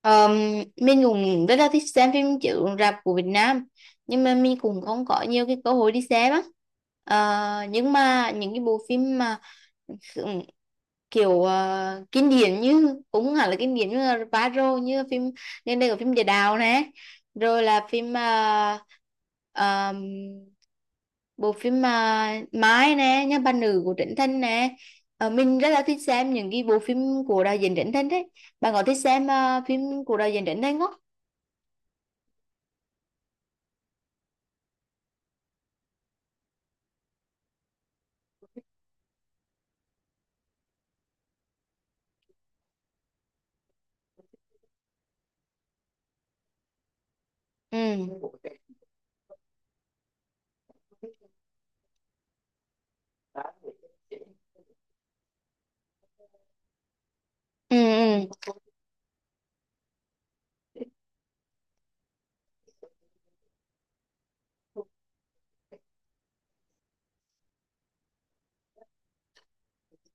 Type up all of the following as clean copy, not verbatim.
Ờ, mình cũng rất là thích xem phim chiếu rạp của Việt Nam, nhưng mà mình cũng không có nhiều cái cơ hội đi xem á. Nhưng mà những cái bộ phim mà ừ, kiểu kinh điển, như cũng không hẳn là kinh điển, như là Paro, như phim nên đây có phim Địa Đạo này, rồi là phim ờm, bộ phim mà Mái nè, Nhà Bà Nữ của Trấn Thành nè. Mình rất là thích xem những cái bộ phim của đạo diễn Trấn Thành đấy. Bạn có thích xem phim của đạo diễn Trấn Thành không? Ừ, ừ, ừ.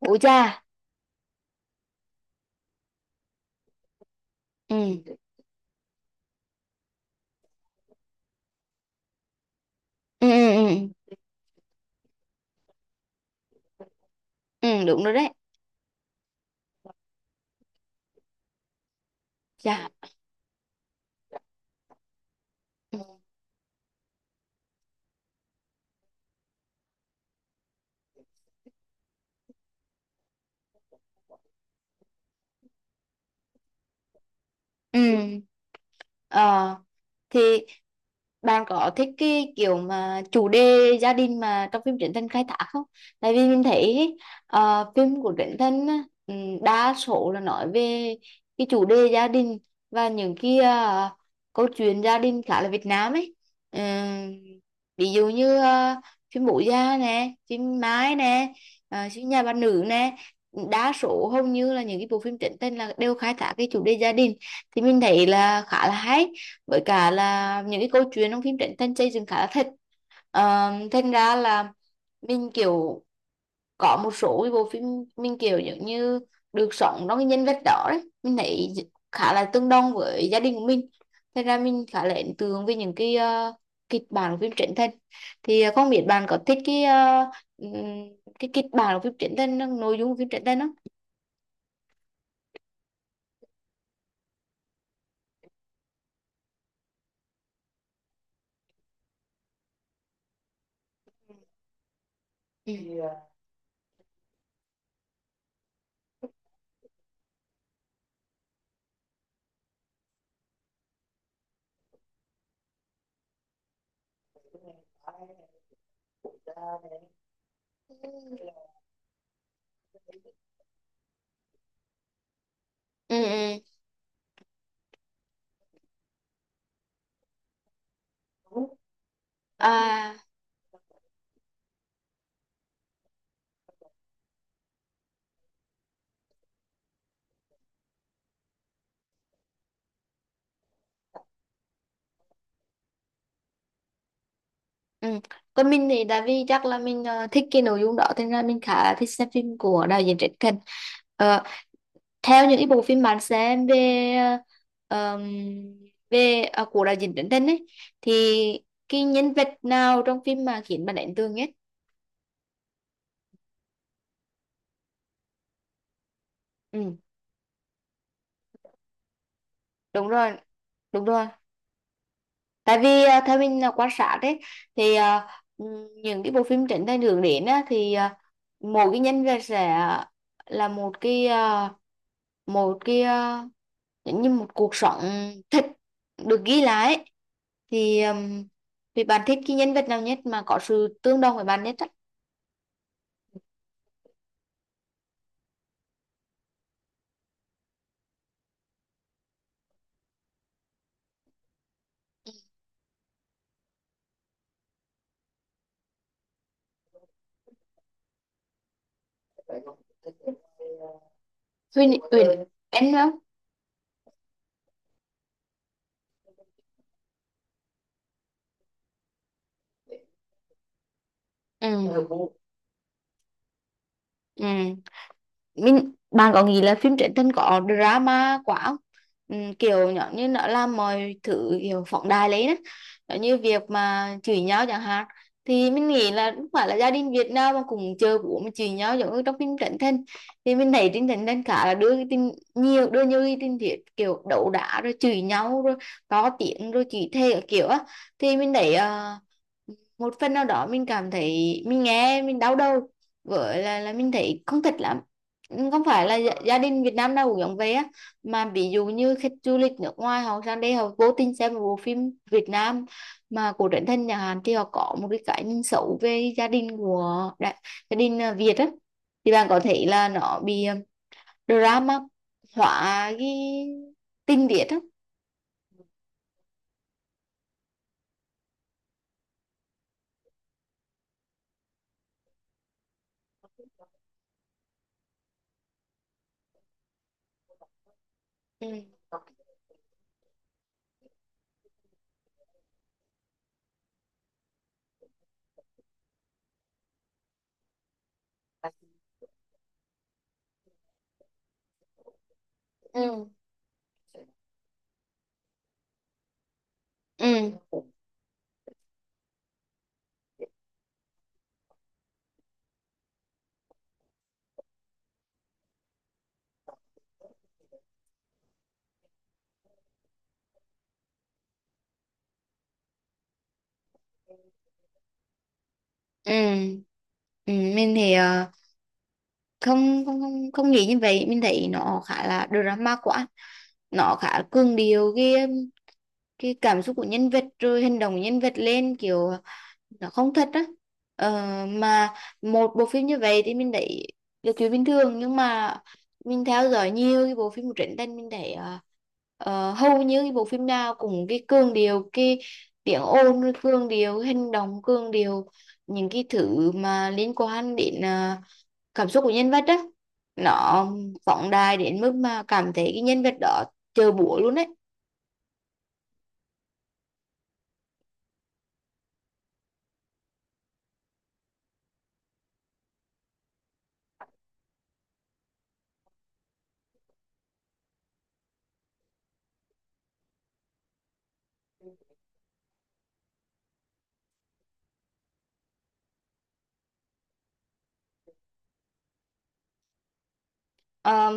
Ủa cha. Ừ, ừ, ừ, ừ, ừ. Ừ, đúng rồi đấy. Cha. Ừ. Ừ. ờ thì bạn có thích cái kiểu mà chủ đề gia đình mà trong phim Trấn Thành khai thác không? Tại vì mình thấy ý, phim của Trấn Thành á, đa số là nói về cái chủ đề gia đình, và những cái câu chuyện gia đình khá là Việt Nam ấy. Ừm, Ví dụ như phim Bố Già nè, phim Mái nè, phim Nhà Bà Nữ nè. Đa số hầu như là những cái bộ phim Trấn Thành là đều khai thác cái chủ đề gia đình, thì mình thấy là khá là hay, với cả là những cái câu chuyện trong phim Trấn Thành xây dựng khá là thật. Thành ra là mình kiểu có một số cái bộ phim mình kiểu giống như được sống trong cái nhân vật đó đấy, mình thấy khá là tương đồng với gia đình của mình, thành ra mình khá là ấn tượng với những cái kịch bản của phim Trấn Thành. Thì không biết bạn có thích cái ừm, cái kịch bản của phim Trấn Thành, nội dung của phim Trấn Thành không? Ừ. Ừ. Ừ. À. Ừ. Còn mình thì tại vì chắc là mình thích cái nội dung đó, thế nên là mình khá là thích xem phim của đạo diễn Trấn Thành. Ờ, Theo những cái bộ phim bạn xem về ờm, về của đạo diễn Trấn Thành ấy, thì cái nhân vật nào trong phim mà khiến bạn ấn tượng nhất? Ừ, đúng rồi, đúng rồi. Tại vì theo mình là quan sát đấy, thì ừm, những cái bộ phim Trấn Thành hướng đến á, thì mỗi cái nhân vật sẽ là một cái giống như một cuộc sống thật được ghi lại ấy. Thì vì bạn thích cái nhân vật nào nhất mà có sự tương đồng với bạn nhất á? Huyền, Huyền em không? Ừ. Ừ. Bạn có nghĩ là phim truyện tình có drama quá không? Kiểu nhỏ như nó làm mọi thứ kiểu phóng đại lấy đó. Giống như việc mà chửi nhau chẳng hạn, thì mình nghĩ là không phải là gia đình Việt Nam mà cũng chơi bố mà chửi nhau giống như trong phim truyện tình. Thì mình thấy trên truyện tình khá là đưa cái tin nhiều, đưa nhiều cái tin thiệt kiểu đấu đá rồi chửi nhau rồi to tiếng rồi chửi thề các kiểu á. Thì mình thấy một phần nào đó mình cảm thấy mình nghe mình đau đầu, với là mình thấy không thích lắm. Không phải là gia đình Việt Nam nào cũng giống vậy á, mà ví dụ như khách du lịch nước ngoài họ sang đây, họ vô tình xem một bộ phim Việt Nam mà của Trấn Thành nhà Hàn, thì họ có một cái nhìn xấu về gia đình của gia đình Việt á. Thì bạn có thể là nó bị drama hóa cái tình tiết á? Ừ, ừ, ừ, ừ, ừ. Mình thì không không không không nghĩ như vậy, mình thấy nó khá là drama quá, nó khá cường điệu cái cảm xúc của nhân vật rồi hành động của nhân vật lên, kiểu nó không thật á. ờ, mà một bộ phim như vậy thì mình thấy là chuyện bình thường, nhưng mà mình theo dõi nhiều cái bộ phim của Trấn Thành, mình thấy hầu như cái bộ phim nào cũng cái cường điệu cái tiếng ồn, rồi cường điệu cái hành động, cường điệu những cái thứ mà liên quan đến cảm xúc của nhân vật á. Nó phóng đại đến mức mà cảm thấy cái nhân vật đó chơi búa luôn đấy. Ờm,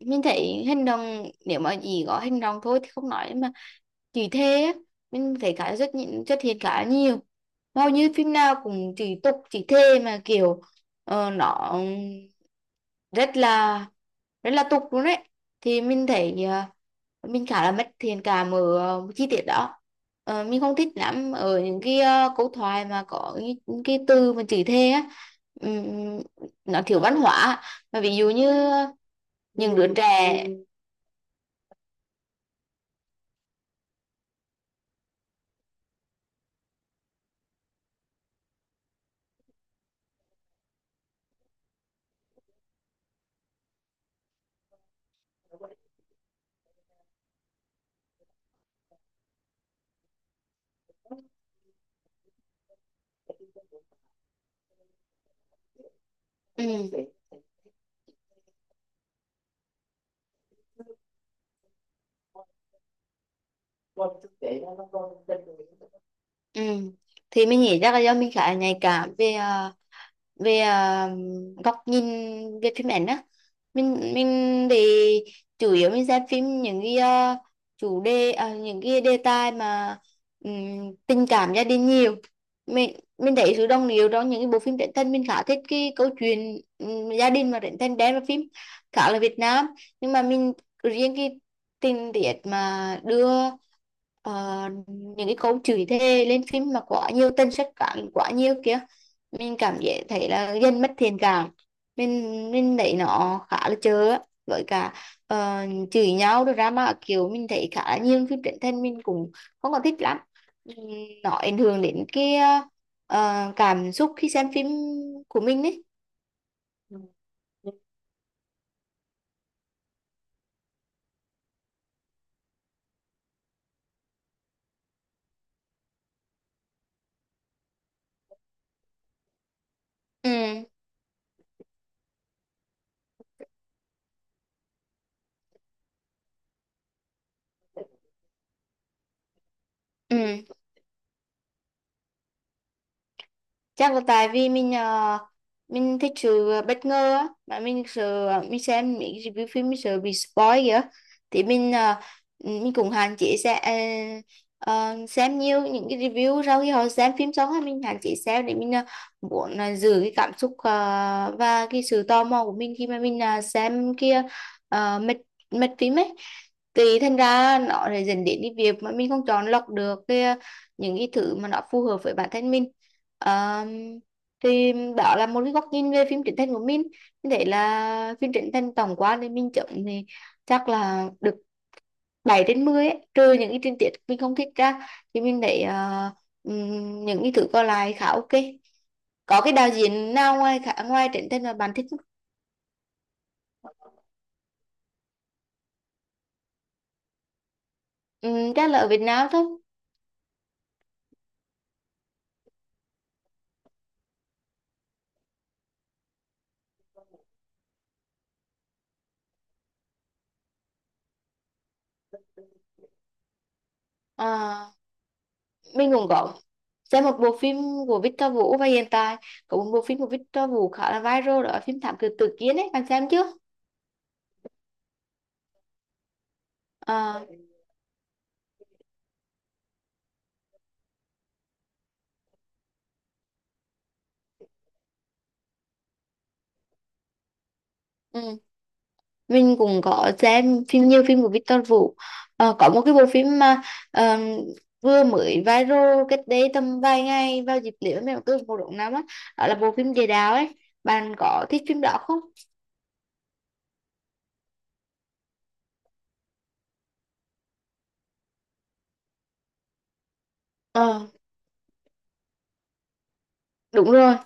mình thấy hành động, nếu mà chỉ có hành động thôi thì không nói, mà chỉ thề á mình thấy khá xuất hiện khá nhiều. Hầu như phim nào cũng chỉ tục chỉ thề, mà kiểu nó rất là rất là tục luôn đấy. Thì mình thấy mình khá là mất thiện cảm ở chi tiết đó. Mình không thích lắm ở những cái câu thoại mà có những cái từ mà chửi thề á. Ừm, nó thiếu văn hóa, mà ví dụ như những đứa trẻ. Ừ. Ừ. Thì mình nghĩ chắc là do mình khá là nhạy cảm về về góc nhìn về phim ảnh á. Mình thì chủ yếu mình xem phim những cái chủ đề những cái đề tài mà tình cảm gia đình nhiều. Mình thấy sự đồng điệu trong những cái bộ phim truyện thân, mình khá thích cái câu chuyện gia đình mà truyện thân đem vào phim khá là Việt Nam, nhưng mà mình riêng cái tình tiết mà đưa ờ, những cái câu chửi thề lên phim mà quá nhiều, tên sách cản quá nhiều kia, mình cảm giác thấy là dân mất thiện cảm. Mình thấy nó khá là chớ á. Với cả ờ, chửi nhau rồi ra, mà kiểu mình thấy khá là nhiều phim truyền hình mình cũng không có thích lắm. Ừm, nó ảnh hưởng đến cái cảm xúc khi xem phim của mình ấy. Ừ, ừ, chắc là tại vì mình mình thích sự bất ngờ á, mà mình sợ mình xem mấy review phim mình sợ bị spoil kìa. Thì mình cũng hạn chế sẽ ờ, xem nhiều những cái review sau khi họ xem phim xong á, mình hạn chế xem để mình muốn giữ cái cảm xúc và cái sự tò mò của mình khi mà mình xem kia. Mệt, mệt phim ấy. Thì thành ra nó lại dẫn đến cái việc mà mình không chọn lọc được những cái thứ mà nó phù hợp với bản thân mình. Ờ, thì đó là một cái góc nhìn về phim Trấn Thành của mình. Mình thấy là phim Trấn Thành tổng quan thì mình chấm thì chắc là được 7/10 ấy. Trừ những cái tình tiết mình không thích ra, thì mình thấy những cái thứ còn lại khá OK. Có cái đạo diễn nào ngoài Trấn Thành mà bạn thích không? Chắc là ở Việt Nam thôi. Ờ, mình cũng có xem một bộ phim của Victor Vũ, và hiện tại có một bộ phim của Victor Vũ khá là viral, đó là phim Thám Tử Tử Kiên ấy, bạn xem chưa? Ờ, ừ. Mình cũng có xem phim, nhiều phim của Victor Vũ. Có một cái bộ phim mà ờ, vừa mới viral cách đây tầm vài ngày vào dịp lễ mẹ cứ một độ năm á, đó là bộ phim Địa Đạo ấy, bạn có thích phim đó không? Ờ, đúng rồi.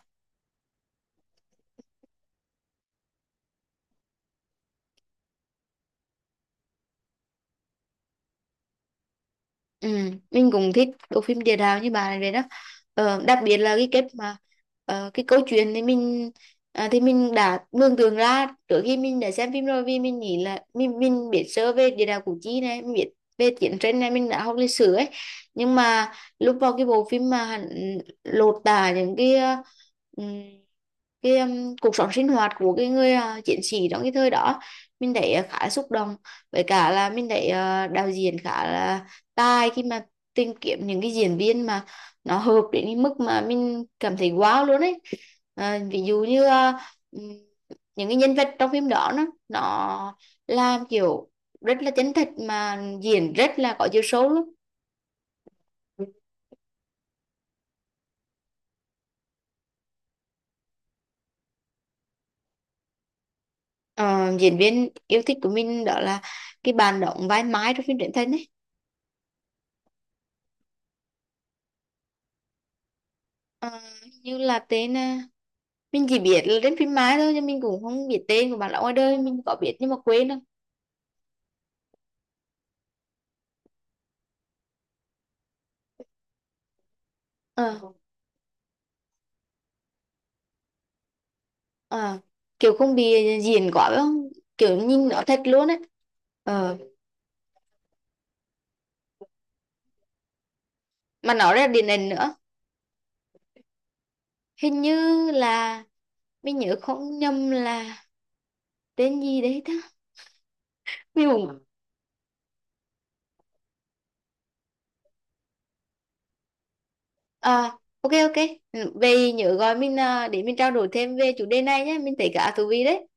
Ừ, mình cũng thích bộ phim Địa Đạo như bà này vậy đó. Đặc biệt là cái kết mà cái câu chuyện thì mình thì mình đã mường tượng ra trước khi mình đã xem phim rồi, vì mình nghĩ là mình biết sơ về địa đạo Củ Chi này, mình biết về chiến tranh này, mình đã học lịch sử ấy. Nhưng mà lúc vào cái bộ phim mà hắn lột tả những ờ, cái cuộc sống sinh hoạt của cái người chiến sĩ trong cái thời đó, mình thấy khá là xúc động. Với cả là mình thấy đạo diễn khá là tài khi mà tìm kiếm những cái diễn viên mà nó hợp đến cái mức mà mình cảm thấy wow luôn ấy. Ví dụ như ừm, những cái nhân vật trong phim đó nó làm kiểu rất là chân thật mà diễn rất là có chiều sâu luôn. Ờ, Diễn viên yêu thích của mình đó là cái bạn đóng vai Mai trong phim truyện thần ấy. Ờ, Như là tên mình chỉ biết là trên phim Mai thôi, nhưng mình cũng không biết tên của bạn, lão ngoài đời mình có biết nhưng mà quên đâu. ờ ờ Kiểu không bị diễn quá phải không, kiểu nhìn nó thật luôn ấy. ờ mà nó ra điện ảnh nữa. Hình như là mình nhớ không nhầm là tên gì đấy ta. Mình cũng ờ OK, OK. Về nhớ gọi mình để mình trao đổi thêm về chủ đề này nhé, mình thấy khá thú vị đấy.